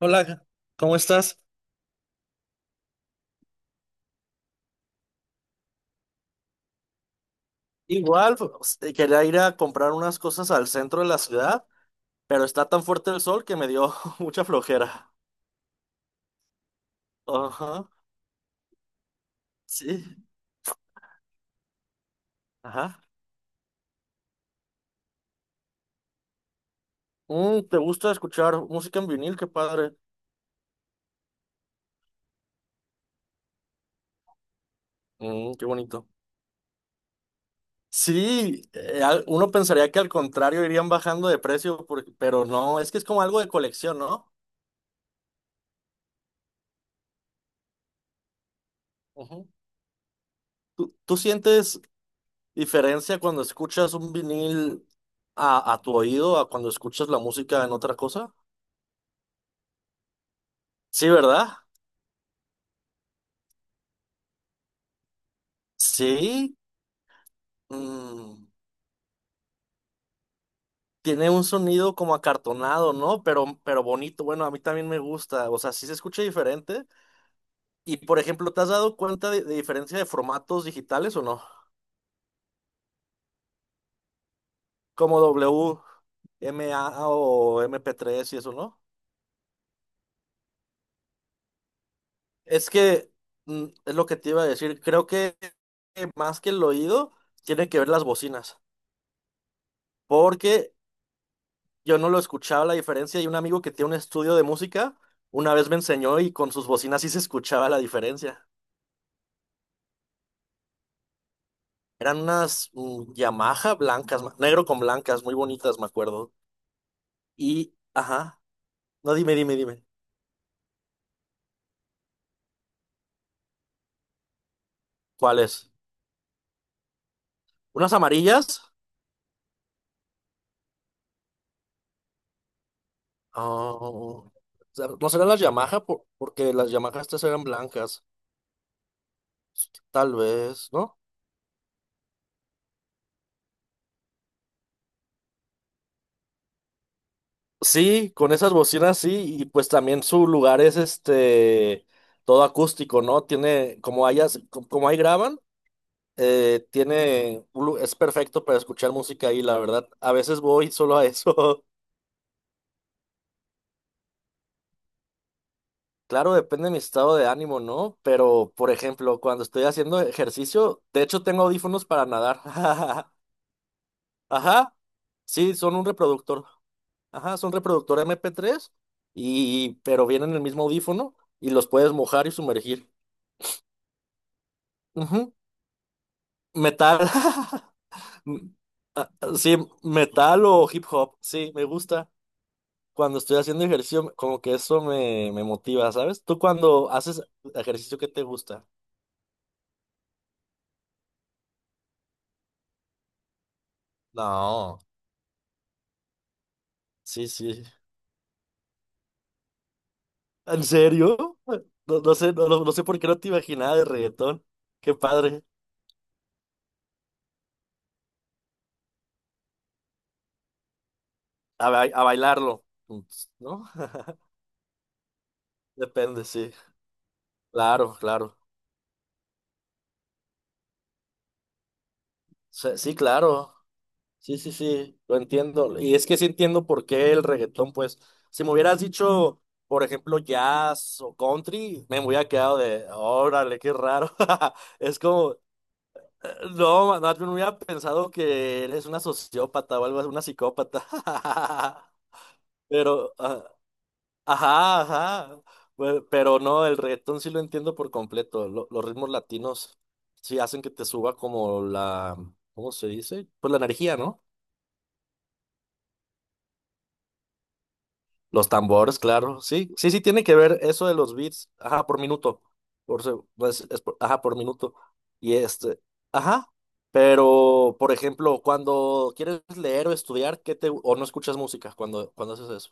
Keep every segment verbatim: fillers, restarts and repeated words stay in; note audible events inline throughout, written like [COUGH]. Hola, ¿cómo estás? Igual, pues, eh, quería ir a comprar unas cosas al centro de la ciudad, pero está tan fuerte el sol que me dio [LAUGHS] mucha flojera. Ajá, sí, ajá. Mm, ¿te gusta escuchar música en vinil? Qué padre. Mm, qué bonito. Sí, eh, al- uno pensaría que al contrario irían bajando de precio, por- pero no, es que es como algo de colección, ¿no? Ujú. ¿Tú, tú sientes diferencia cuando escuchas un vinil a, a tu oído a cuando escuchas la música en otra cosa? Sí, ¿verdad? Sí. mm, Tiene un sonido como acartonado, ¿no? Pero, pero bonito. Bueno, a mí también me gusta. O sea, sí se escucha diferente. Y, por ejemplo, ¿te has dado cuenta de, de diferencia de formatos digitales o no? Como W M A o M P tres y eso, ¿no? Es que mm, es lo que te iba a decir. Creo que eh, más que el oído, tiene que ver las bocinas. Porque yo no lo escuchaba la diferencia y un amigo que tiene un estudio de música una vez me enseñó y con sus bocinas sí se escuchaba la diferencia. Eran unas mm, Yamaha blancas, ma- negro con blancas, muy bonitas, me acuerdo. Y, ajá, no, dime, dime, dime. ¿Cuáles? ¿Unas amarillas? Oh, o sea, no serán las Yamaha. Por- porque las Yamaha estas eran blancas. Pues, tal vez, ¿no? Sí, con esas bocinas sí, y pues también su lugar es este todo acústico, ¿no? Tiene, como hayas, co- como ahí graban, eh, tiene, un lu- es perfecto para escuchar música ahí, la verdad. A veces voy solo a eso. [LAUGHS] Claro, depende de mi estado de ánimo, ¿no? Pero, por ejemplo, cuando estoy haciendo ejercicio, de hecho tengo audífonos para nadar. [LAUGHS] Ajá. Sí, son un reproductor. Ajá, son reproductor M P tres y, pero vienen en el mismo audífono y los puedes mojar y sumergir. Ujú. Metal. [LAUGHS] Ah, ah, sí, metal o hip hop. Sí, me gusta. Cuando estoy haciendo ejercicio, como que eso me, me motiva, ¿sabes? Tú cuando haces ejercicio, ¿qué te gusta? No. Sí, sí. ¿En serio? No, no sé, no, no- no sé por qué no te imaginaba de reggaetón. Qué padre. A, ba- a bailarlo, ¿no? [LAUGHS] Depende, sí. Claro, claro. Sí, sí, claro. Sí, sí, sí, lo entiendo. Y es que sí entiendo por qué el reggaetón, pues, si me hubieras dicho, por ejemplo, jazz o country, me hubiera quedado de, órale, qué raro. [LAUGHS] Es como, eh, no, ma- más bien hubiera pensado que eres una sociópata o algo así, una psicópata. [LAUGHS] Pero, ah, ajá, ajá. Bueno, pero no, el reggaetón sí lo entiendo por completo. Lo- los ritmos latinos sí hacen que te suba como la, ¿cómo se dice? Pues la energía, ¿no? Los tambores, claro. Sí, sí, sí, tiene que ver eso de los beats. Ajá, por minuto. Por, se- pues, es por- ajá, por minuto. Y este, ajá. Pero, por ejemplo, cuando quieres leer o estudiar, ¿qué te, o no escuchas música cuando, cuando haces eso?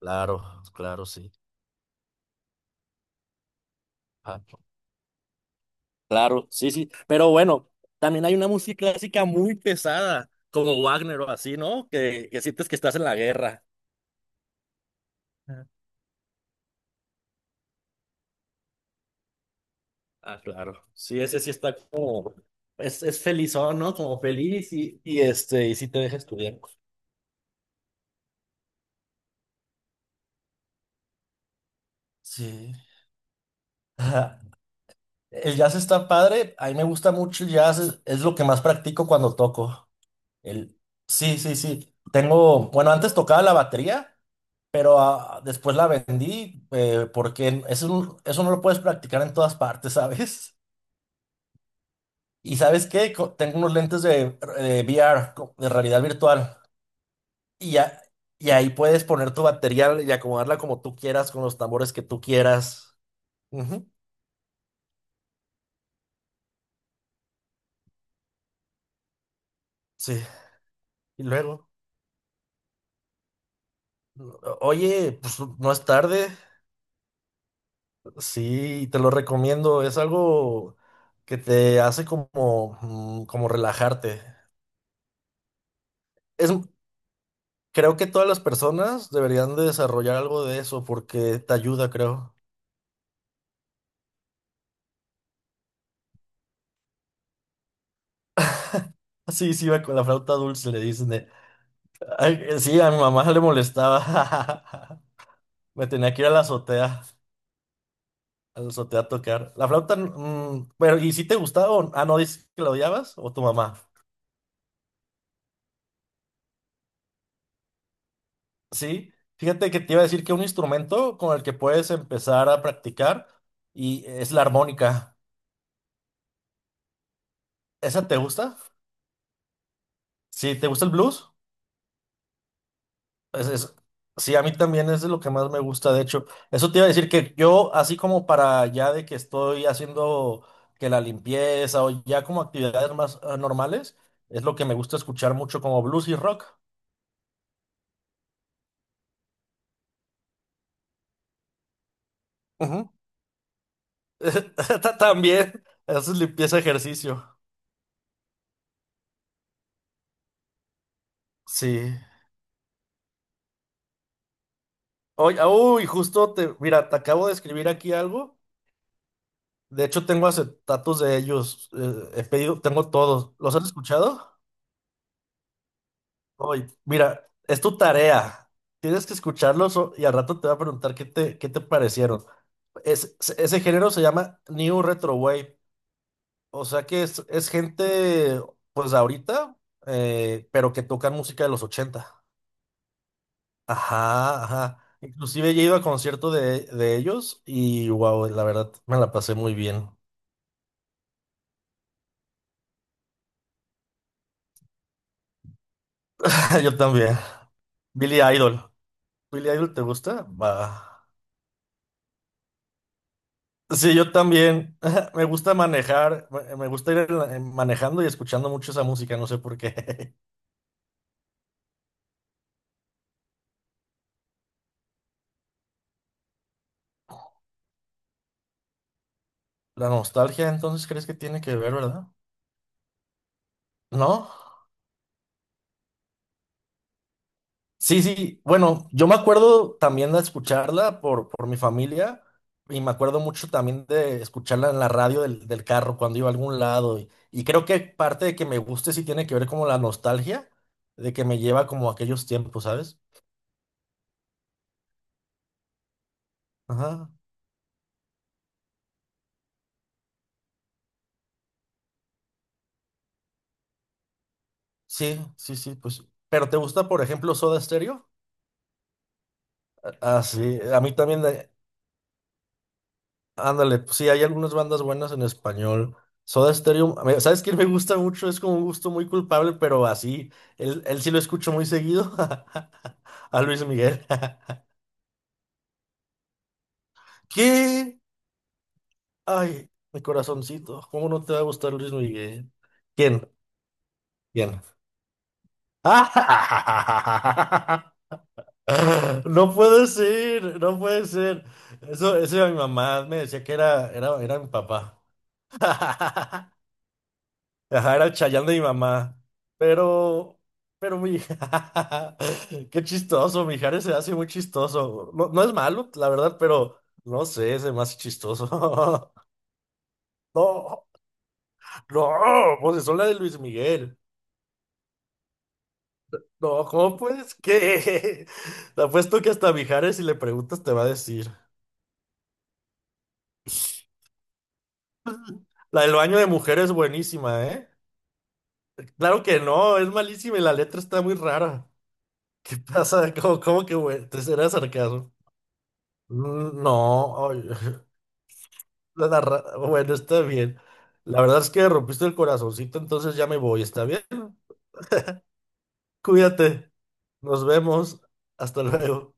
Claro, claro, sí. Ajá. Claro, sí, sí. Pero bueno, también hay una música clásica muy pesada, como Wagner o así, ¿no? Que, que sientes que estás en la guerra. Ah, claro. Sí, ese sí está como, es, es felizón, ¿no? Como feliz y, y este, y sí te deja estudiar. Sí. Ajá. El jazz está padre. A mí me gusta mucho el jazz. Es, es lo que más practico cuando toco. El... Sí, sí, sí. Tengo, bueno, antes tocaba la batería, pero ah, después la vendí eh, porque eso, no- eso no lo puedes practicar en todas partes, [LAUGHS] ¿sabes? Y ¿sabes qué? Co- Tengo unos lentes de, de V R, co- de realidad virtual. Y, ya- y ahí puedes poner tu batería y acomodarla como tú quieras, con los tambores que tú quieras. Ujú, sí. Y luego, oye, pues no es tarde. Sí, te lo recomiendo. Es algo que te hace como, mm, como relajarte. Es, Creo que todas las personas deberían de desarrollar algo de eso porque te ayuda, creo. [LAUGHS] Sí, sí, va con la flauta dulce, le dicen. eh. Ay, sí, a mi mamá le molestaba. [LAUGHS] Me tenía que ir a la azotea. Eso te va a tocar. La flauta, mm, pero ¿y si te gustaba? o- Ah, no, dices que la odiabas o tu mamá. Sí, fíjate que te iba a decir que un instrumento con el que puedes empezar a practicar y es la armónica. ¿Esa te gusta? Sí, ¿te gusta el blues? Es, es- sí, a mí también es de lo que más me gusta, de hecho. Eso te iba a decir que yo, así como para ya de que estoy haciendo que la limpieza o ya como actividades más eh, normales, es lo que me gusta escuchar mucho como blues y rock. [LAUGHS] También haces limpieza ejercicio. Sí. Oye, uy, justo te, mira, te acabo de escribir aquí algo. De hecho, tengo acetatos de ellos. Eh, he pedido, tengo todos. ¿Los has escuchado? Oye, mira, es tu tarea. Tienes que escucharlos o- y al rato te voy a preguntar qué te, qué te parecieron. Es- ese género se llama New Retro Wave. O sea que es, es gente, pues ahorita, eh, pero que tocan música de los ochenta. Ajá, ajá. Inclusive ya he ido a concierto de, de ellos y wow, la verdad me la pasé muy bien. [LAUGHS] Yo también. Billy Idol. ¿Billy Idol te gusta? Va. Sí, yo también. [LAUGHS] Me gusta manejar, me me gusta ir en la- en- manejando y escuchando mucho esa música, no sé por qué. [LAUGHS] La nostalgia, entonces, ¿crees que tiene que ver, verdad? ¿No? Sí, sí, bueno, yo me acuerdo también de escucharla por, por mi familia y me acuerdo mucho también de escucharla en la radio del, del carro cuando iba a algún lado y, y creo que parte de que me guste sí tiene que ver como la nostalgia de que me lleva como a aquellos tiempos, ¿sabes? Ajá, sí, sí, sí, pues, pero ¿te gusta, por ejemplo, Soda Stereo? Ah, sí, a mí también, eh, ándale, pues sí, hay algunas bandas buenas en español. Soda Stereo, me- ¿sabes quién me gusta mucho? Es como un gusto muy culpable, pero así, él, él sí lo escucho muy seguido. [LAUGHS] A Luis Miguel. [LAUGHS] ¿Qué? Ay, mi corazoncito, ¿cómo no te va a gustar Luis Miguel? ¿Quién? ¿Quién? ¡Ah! [LAUGHS] No puede ser, no puede ser. Eso, eso era mi mamá, me decía que era, era, era mi papá. [LAUGHS] Ajá, era el Chayán de mi mamá. Pero, pero mi... [LAUGHS] Qué chistoso, Mijares se hace muy chistoso. No, no es malo, la verdad, pero no sé, se me hace chistoso. [LAUGHS] No, no, pues son la de Luis Miguel. No, ¿cómo puedes? ¿Qué? [LAUGHS] Te apuesto que hasta Mijares, si le preguntas, te va a decir. La del baño de mujeres es buenísima, ¿eh? Claro que no, es malísima y la letra está muy rara. ¿Qué pasa? ¿Cómo, cómo que, güey? ¿Te será sarcasmo? Mm, no, ay, [LAUGHS] la narra- bueno, está bien. La verdad es que rompiste el corazoncito, entonces ya me voy, ¿está bien? Cuídate. Nos vemos. Hasta luego.